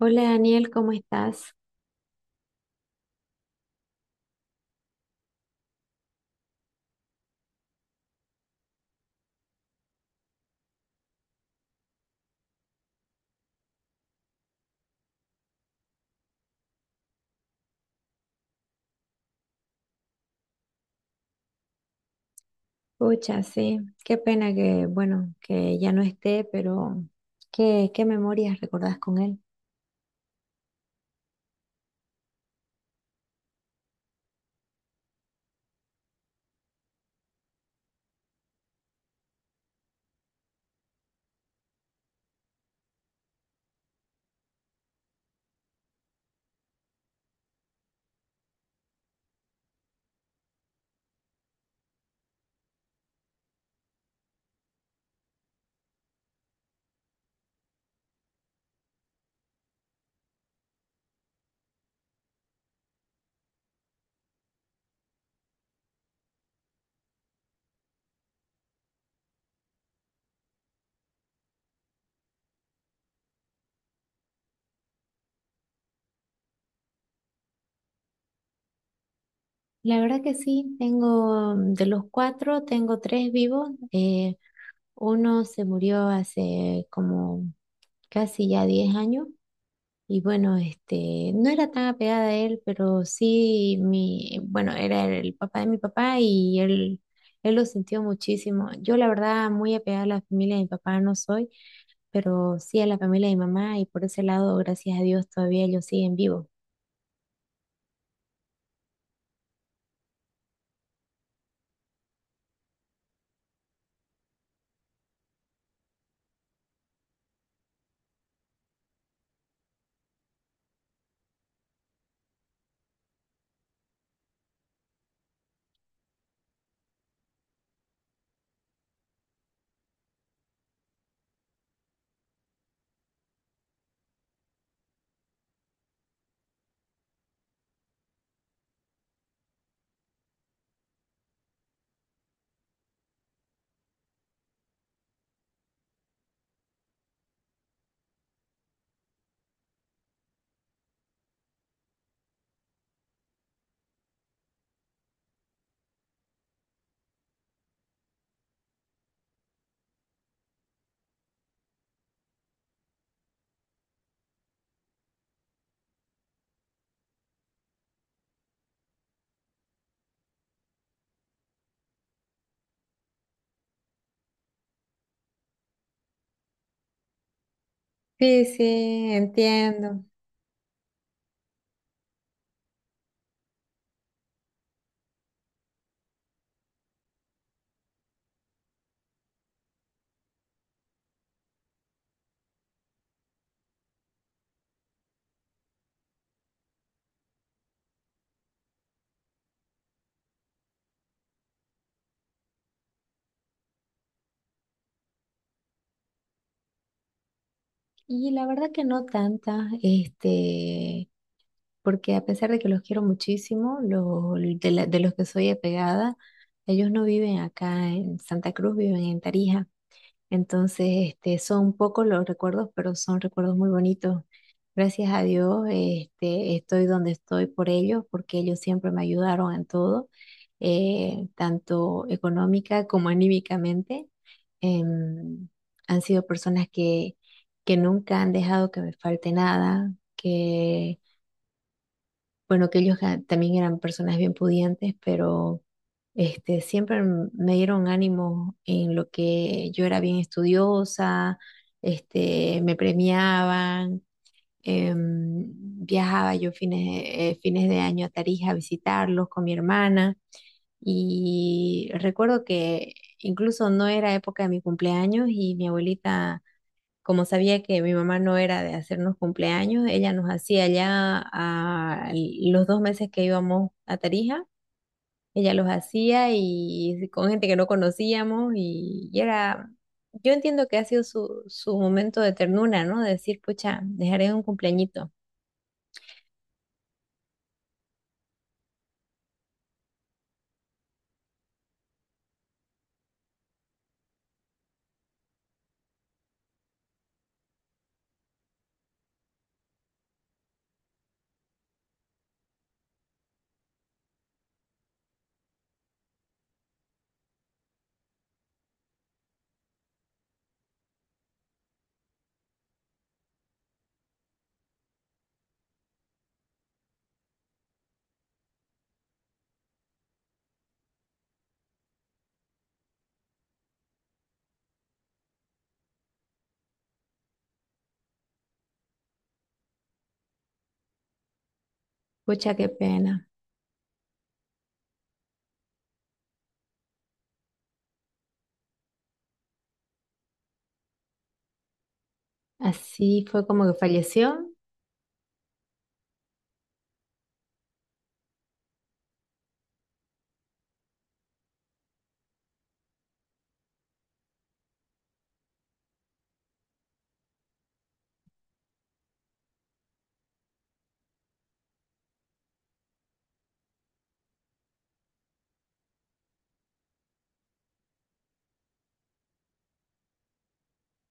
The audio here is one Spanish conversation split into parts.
Hola Daniel, ¿cómo estás? Pucha, sí, qué pena que, bueno, que ya no esté, pero qué memorias recordás con él. La verdad que sí, tengo de los cuatro, tengo tres vivos. Uno se murió hace como casi ya 10 años y bueno, este, no era tan apegada a él, pero sí, bueno, era el papá de mi papá y él lo sintió muchísimo. Yo la verdad muy apegada a la familia de mi papá no soy, pero sí a la familia de mi mamá y por ese lado, gracias a Dios, todavía ellos siguen vivos. Sí, sí, entiendo. Y la verdad que no tanta, este, porque a pesar de que los quiero muchísimo, de los que soy apegada, ellos no viven acá en Santa Cruz, viven en Tarija. Entonces, este, son pocos los recuerdos, pero son recuerdos muy bonitos. Gracias a Dios, este, estoy donde estoy por ellos, porque ellos siempre me ayudaron en todo, tanto económica como anímicamente. Em, han sido personas que nunca han dejado que me falte nada, que bueno, que ellos también eran personas bien pudientes, pero este, siempre me dieron ánimo en lo que yo era bien estudiosa, este, me premiaban, em, viajaba yo fines de año a Tarija a visitarlos con mi hermana. Y recuerdo que incluso no era época de mi cumpleaños y mi abuelita como sabía que mi mamá no era de hacernos cumpleaños, ella nos hacía ya a los 2 meses que íbamos a Tarija, ella los hacía y con gente que no conocíamos y era, yo entiendo que ha sido su momento de ternura, ¿no? De decir, pucha, dejaré un cumpleañito. Pucha, qué pena. Así fue como que falleció.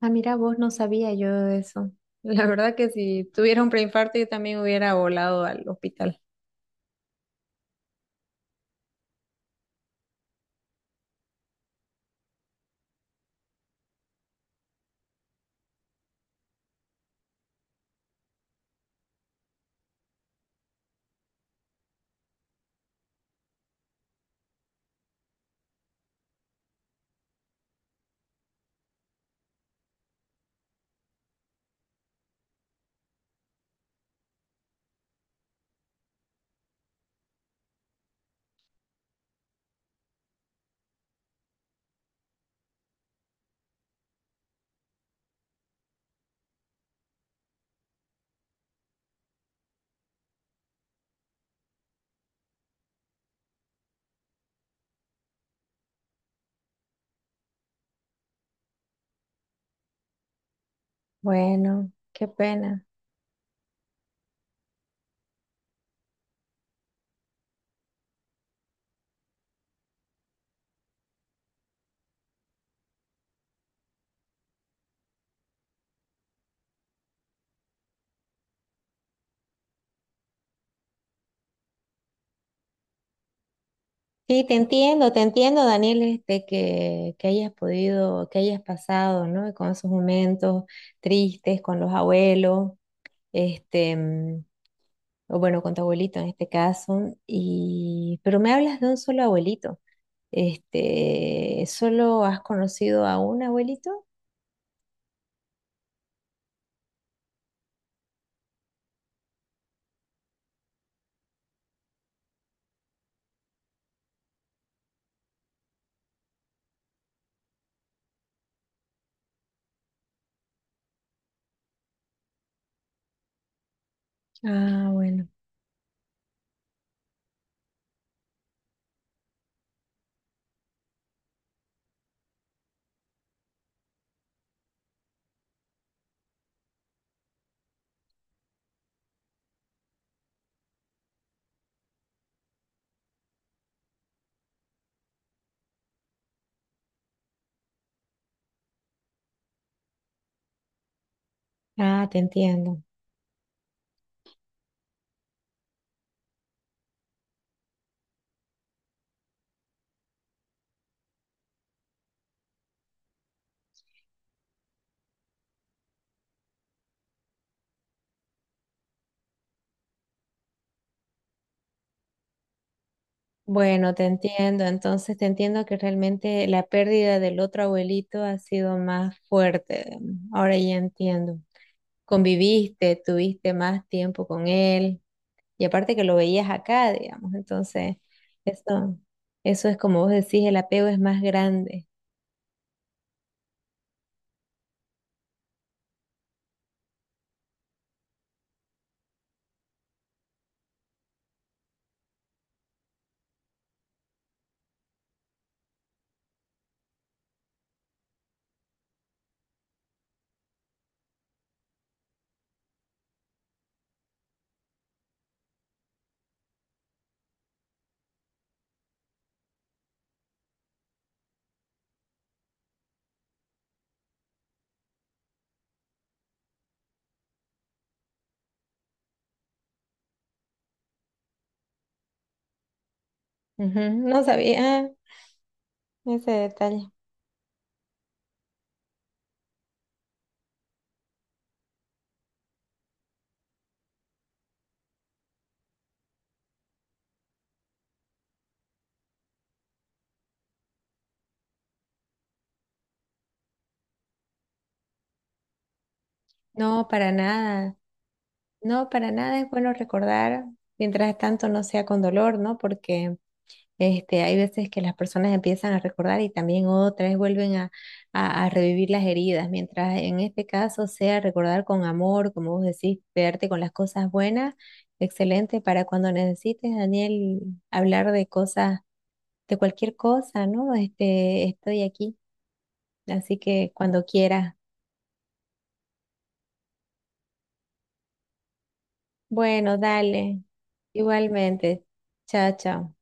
Ah, mira, vos no sabía yo de eso. La verdad que si tuviera un preinfarto yo también hubiera volado al hospital. Bueno, qué pena. Sí, te entiendo, Daniel, este, que hayas podido, que hayas pasado, ¿no? Con esos momentos tristes, con los abuelos, este, o bueno, con tu abuelito en este caso, y, pero me hablas de un solo abuelito. Este, ¿solo has conocido a un abuelito? Ah, bueno. Ah, te entiendo. Bueno, te entiendo. Entonces te entiendo que realmente la pérdida del otro abuelito ha sido más fuerte. Ahora ya entiendo. Conviviste, tuviste más tiempo con él, y aparte que lo veías acá, digamos, entonces, eso, eso es como vos decís, el apego es más grande. Ujú, no sabía ese detalle. No, para nada. No, para nada es bueno recordar, mientras tanto no sea con dolor, ¿no? Porque este, hay veces que las personas empiezan a recordar y también otras vuelven a, a revivir las heridas, mientras en este caso sea recordar con amor, como vos decís, quedarte con las cosas buenas. Excelente para cuando necesites, Daniel, hablar de cosas, de cualquier cosa, ¿no? Este, estoy aquí, así que cuando quieras. Bueno, dale, igualmente. Chao, chao.